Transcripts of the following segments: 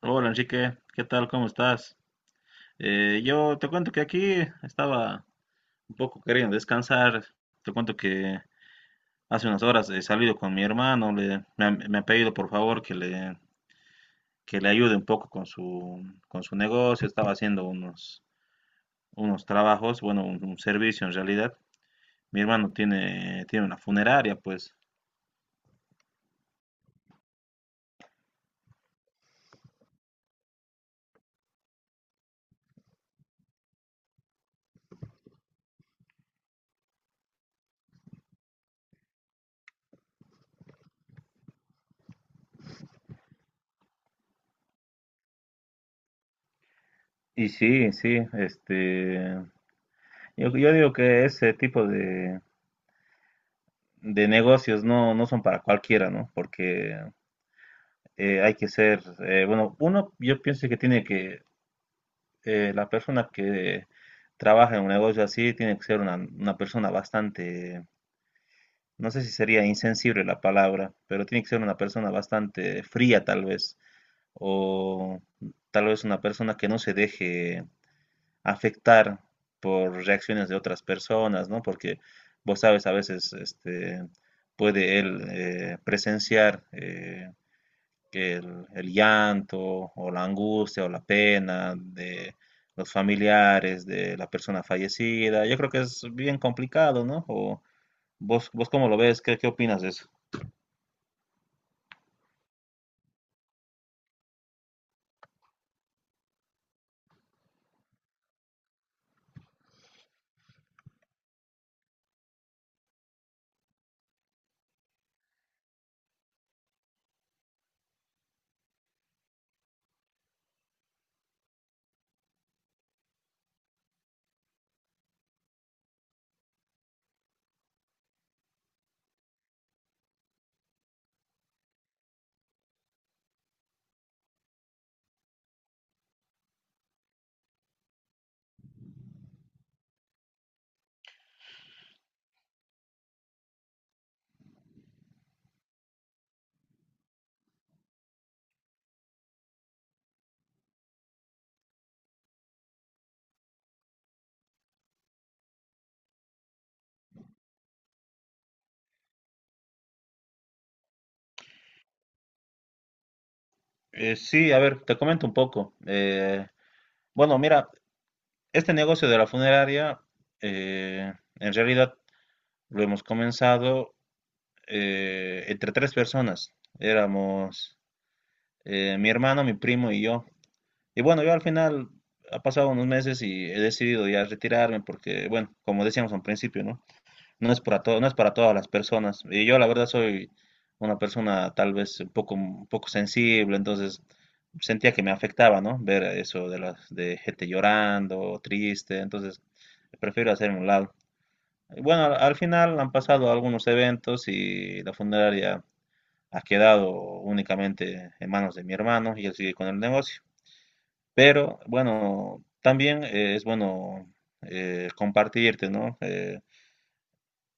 Hola Enrique, ¿qué tal? ¿Cómo estás? Yo te cuento que aquí estaba un poco queriendo descansar. Te cuento que hace unas horas he salido con mi hermano. Me ha pedido por favor que le ayude un poco con con su negocio. Estaba haciendo unos trabajos, bueno, un servicio en realidad. Mi hermano tiene una funeraria, pues. Y sí, sí, yo digo que ese tipo de negocios no son para cualquiera, ¿no? Porque hay que ser, bueno, uno, yo pienso que tiene que, la persona que trabaja en un negocio así tiene que ser una persona bastante, no sé si sería insensible la palabra, pero tiene que ser una persona bastante fría tal vez, o tal vez una persona que no se deje afectar por reacciones de otras personas, ¿no? Porque vos sabes, a veces puede él presenciar que el llanto o la angustia o la pena de los familiares de la persona fallecida. Yo creo que es bien complicado, ¿no? O vos, vos cómo lo ves, ¿qué, qué opinas de eso? Sí, a ver, te comento un poco. Bueno, mira, este negocio de la funeraria, en realidad lo hemos comenzado entre tres personas. Éramos mi hermano, mi primo y yo. Y bueno, yo al final ha pasado unos meses y he decidido ya retirarme porque, bueno, como decíamos al principio, ¿no? No es para todo, no es para todas las personas. Y yo la verdad soy una persona tal vez un poco sensible, entonces sentía que me afectaba, ¿no? Ver eso de las de gente llorando, triste, entonces prefiero hacerme a un lado. Y bueno, al final han pasado algunos eventos y la funeraria ha quedado únicamente en manos de mi hermano y él sigue con el negocio. Pero bueno, también es bueno compartirte, ¿no?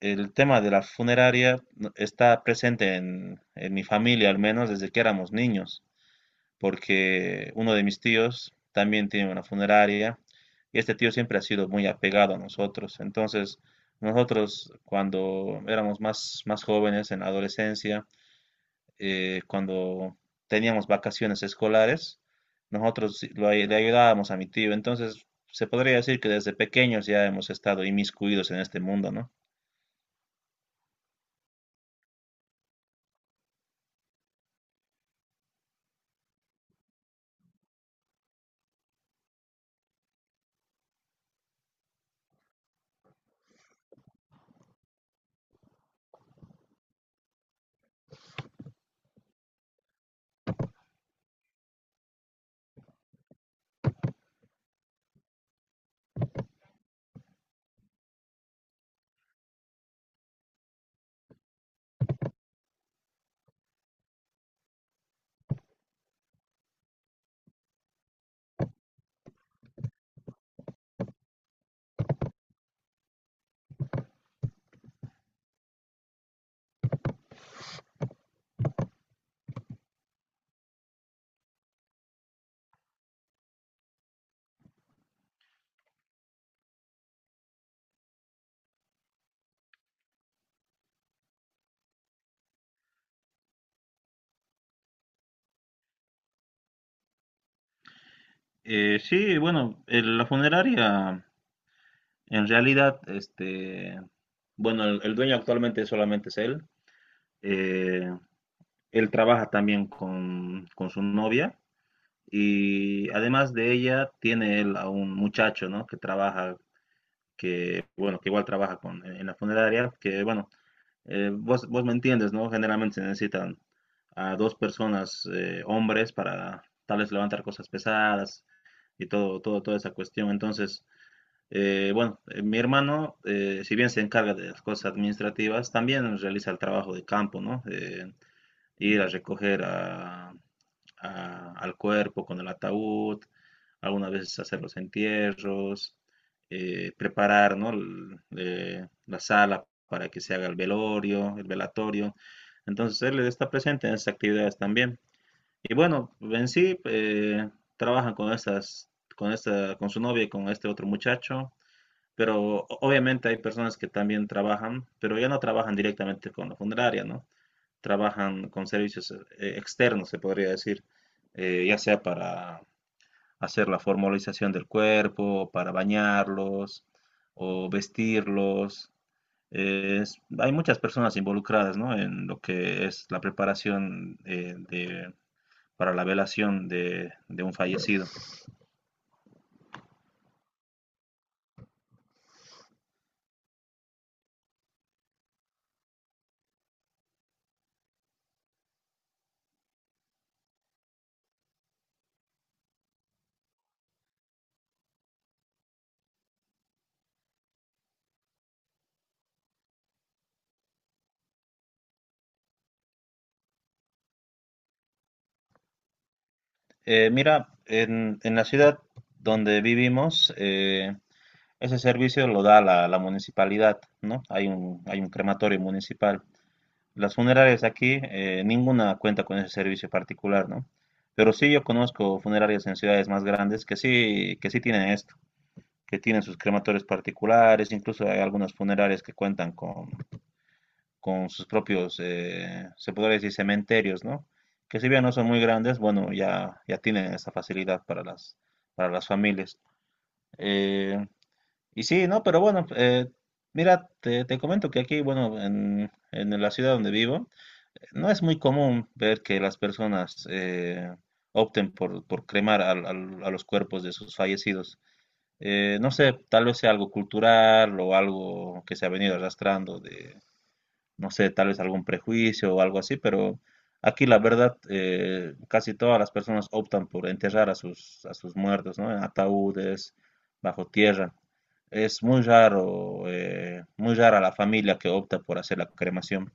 El tema de la funeraria está presente en mi familia, al menos desde que éramos niños, porque uno de mis tíos también tiene una funeraria y este tío siempre ha sido muy apegado a nosotros. Entonces, nosotros cuando éramos más, más jóvenes, en la adolescencia, cuando teníamos vacaciones escolares, nosotros le ayudábamos a mi tío. Entonces, se podría decir que desde pequeños ya hemos estado inmiscuidos en este mundo, ¿no? Sí, bueno, la funeraria, en realidad, bueno, el dueño actualmente solamente es él. Eh, Él trabaja también con su novia y además de ella tiene él a un muchacho, ¿no? Que trabaja, que, bueno, que igual trabaja con, en la funeraria, que, bueno, vos, vos me entiendes, ¿no? Generalmente se necesitan a dos personas, hombres, para tal vez levantar cosas pesadas y todo, todo, toda esa cuestión. Entonces, bueno, mi hermano, si bien se encarga de las cosas administrativas, también realiza el trabajo de campo, ¿no? Ir a al cuerpo con el ataúd, algunas veces hacer los entierros, preparar, ¿no? La sala para que se haga el velorio, el velatorio. Entonces él está presente en esas actividades también. Y bueno, en sí trabajan con con esta, con su novia y con este otro muchacho. Pero obviamente hay personas que también trabajan, pero ya no trabajan directamente con la funeraria, ¿no? Trabajan con servicios externos, se podría decir, ya sea para hacer la formalización del cuerpo, para bañarlos o vestirlos. Hay muchas personas involucradas, ¿no? En lo que es la preparación para la velación de un fallecido. Mira, en la ciudad donde vivimos, ese servicio lo da la municipalidad, ¿no? Hay un crematorio municipal. Las funerarias aquí, ninguna cuenta con ese servicio particular, ¿no? Pero sí yo conozco funerarias en ciudades más grandes que sí tienen esto, que tienen sus crematorios particulares, incluso hay algunas funerarias que cuentan con sus propios, se podría decir, cementerios, ¿no? Que si bien no son muy grandes, bueno, ya, ya tienen esa facilidad para para las familias. Eh, y sí, ¿no? Pero bueno, mira, te comento que aquí, bueno, en la ciudad donde vivo, no es muy común ver que las personas opten por cremar a los cuerpos de sus fallecidos. No sé, tal vez sea algo cultural o algo que se ha venido arrastrando de, no sé, tal vez algún prejuicio o algo así, pero aquí la verdad, casi todas las personas optan por enterrar a sus muertos, ¿no? En ataúdes, bajo tierra. Es muy raro, muy rara la familia que opta por hacer la cremación.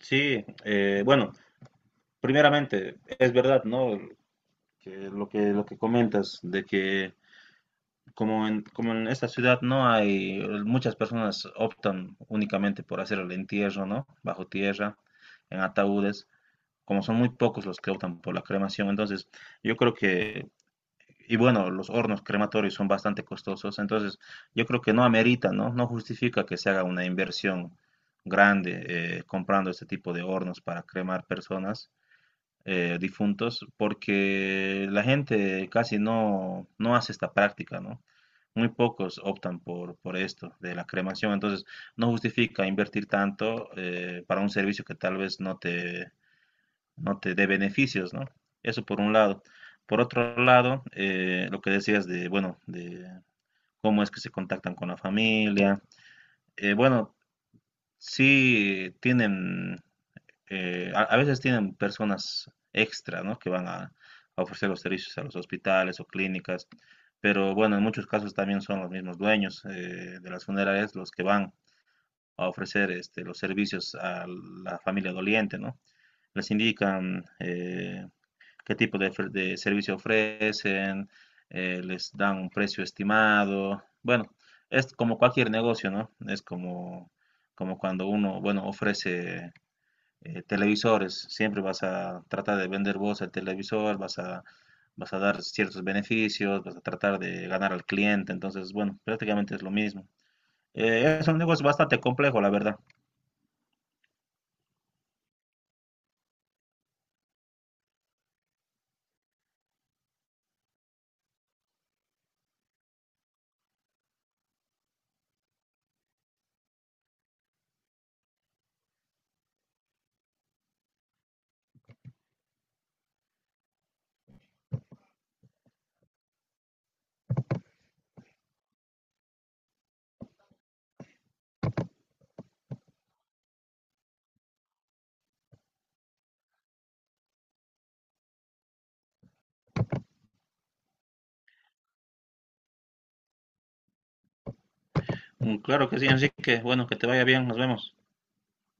Sí, bueno, primeramente, es verdad, ¿no? Que lo que comentas de que como en esta ciudad no hay muchas personas optan únicamente por hacer el entierro, ¿no? Bajo tierra, en ataúdes, como son muy pocos los que optan por la cremación, entonces yo creo que y bueno, los hornos crematorios son bastante costosos, entonces yo creo que no amerita, ¿no? No justifica que se haga una inversión grande comprando este tipo de hornos para cremar personas difuntos porque la gente casi no, no hace esta práctica, ¿no? Muy pocos optan por esto de la cremación, entonces no justifica invertir tanto para un servicio que tal vez no te, no te dé beneficios, ¿no? Eso por un lado. Por otro lado, lo que decías de, bueno, de cómo es que se contactan con la familia. Bueno, sí tienen a veces tienen personas extra, ¿no? Que van a ofrecer los servicios a los hospitales o clínicas, pero bueno, en muchos casos también son los mismos dueños de las funerarias los que van a ofrecer este, los servicios a la familia doliente, ¿no? Les indican qué tipo de servicio ofrecen, les dan un precio estimado. Bueno, es como cualquier negocio, ¿no? Es como, como cuando uno, bueno, ofrece televisores. Siempre vas a tratar de vender vos el televisor, vas a, vas a dar ciertos beneficios, vas a tratar de ganar al cliente. Entonces, bueno, prácticamente es lo mismo. Es un negocio bastante complejo, la verdad. Mm, claro que sí, así que bueno, que te vaya bien, nos vemos.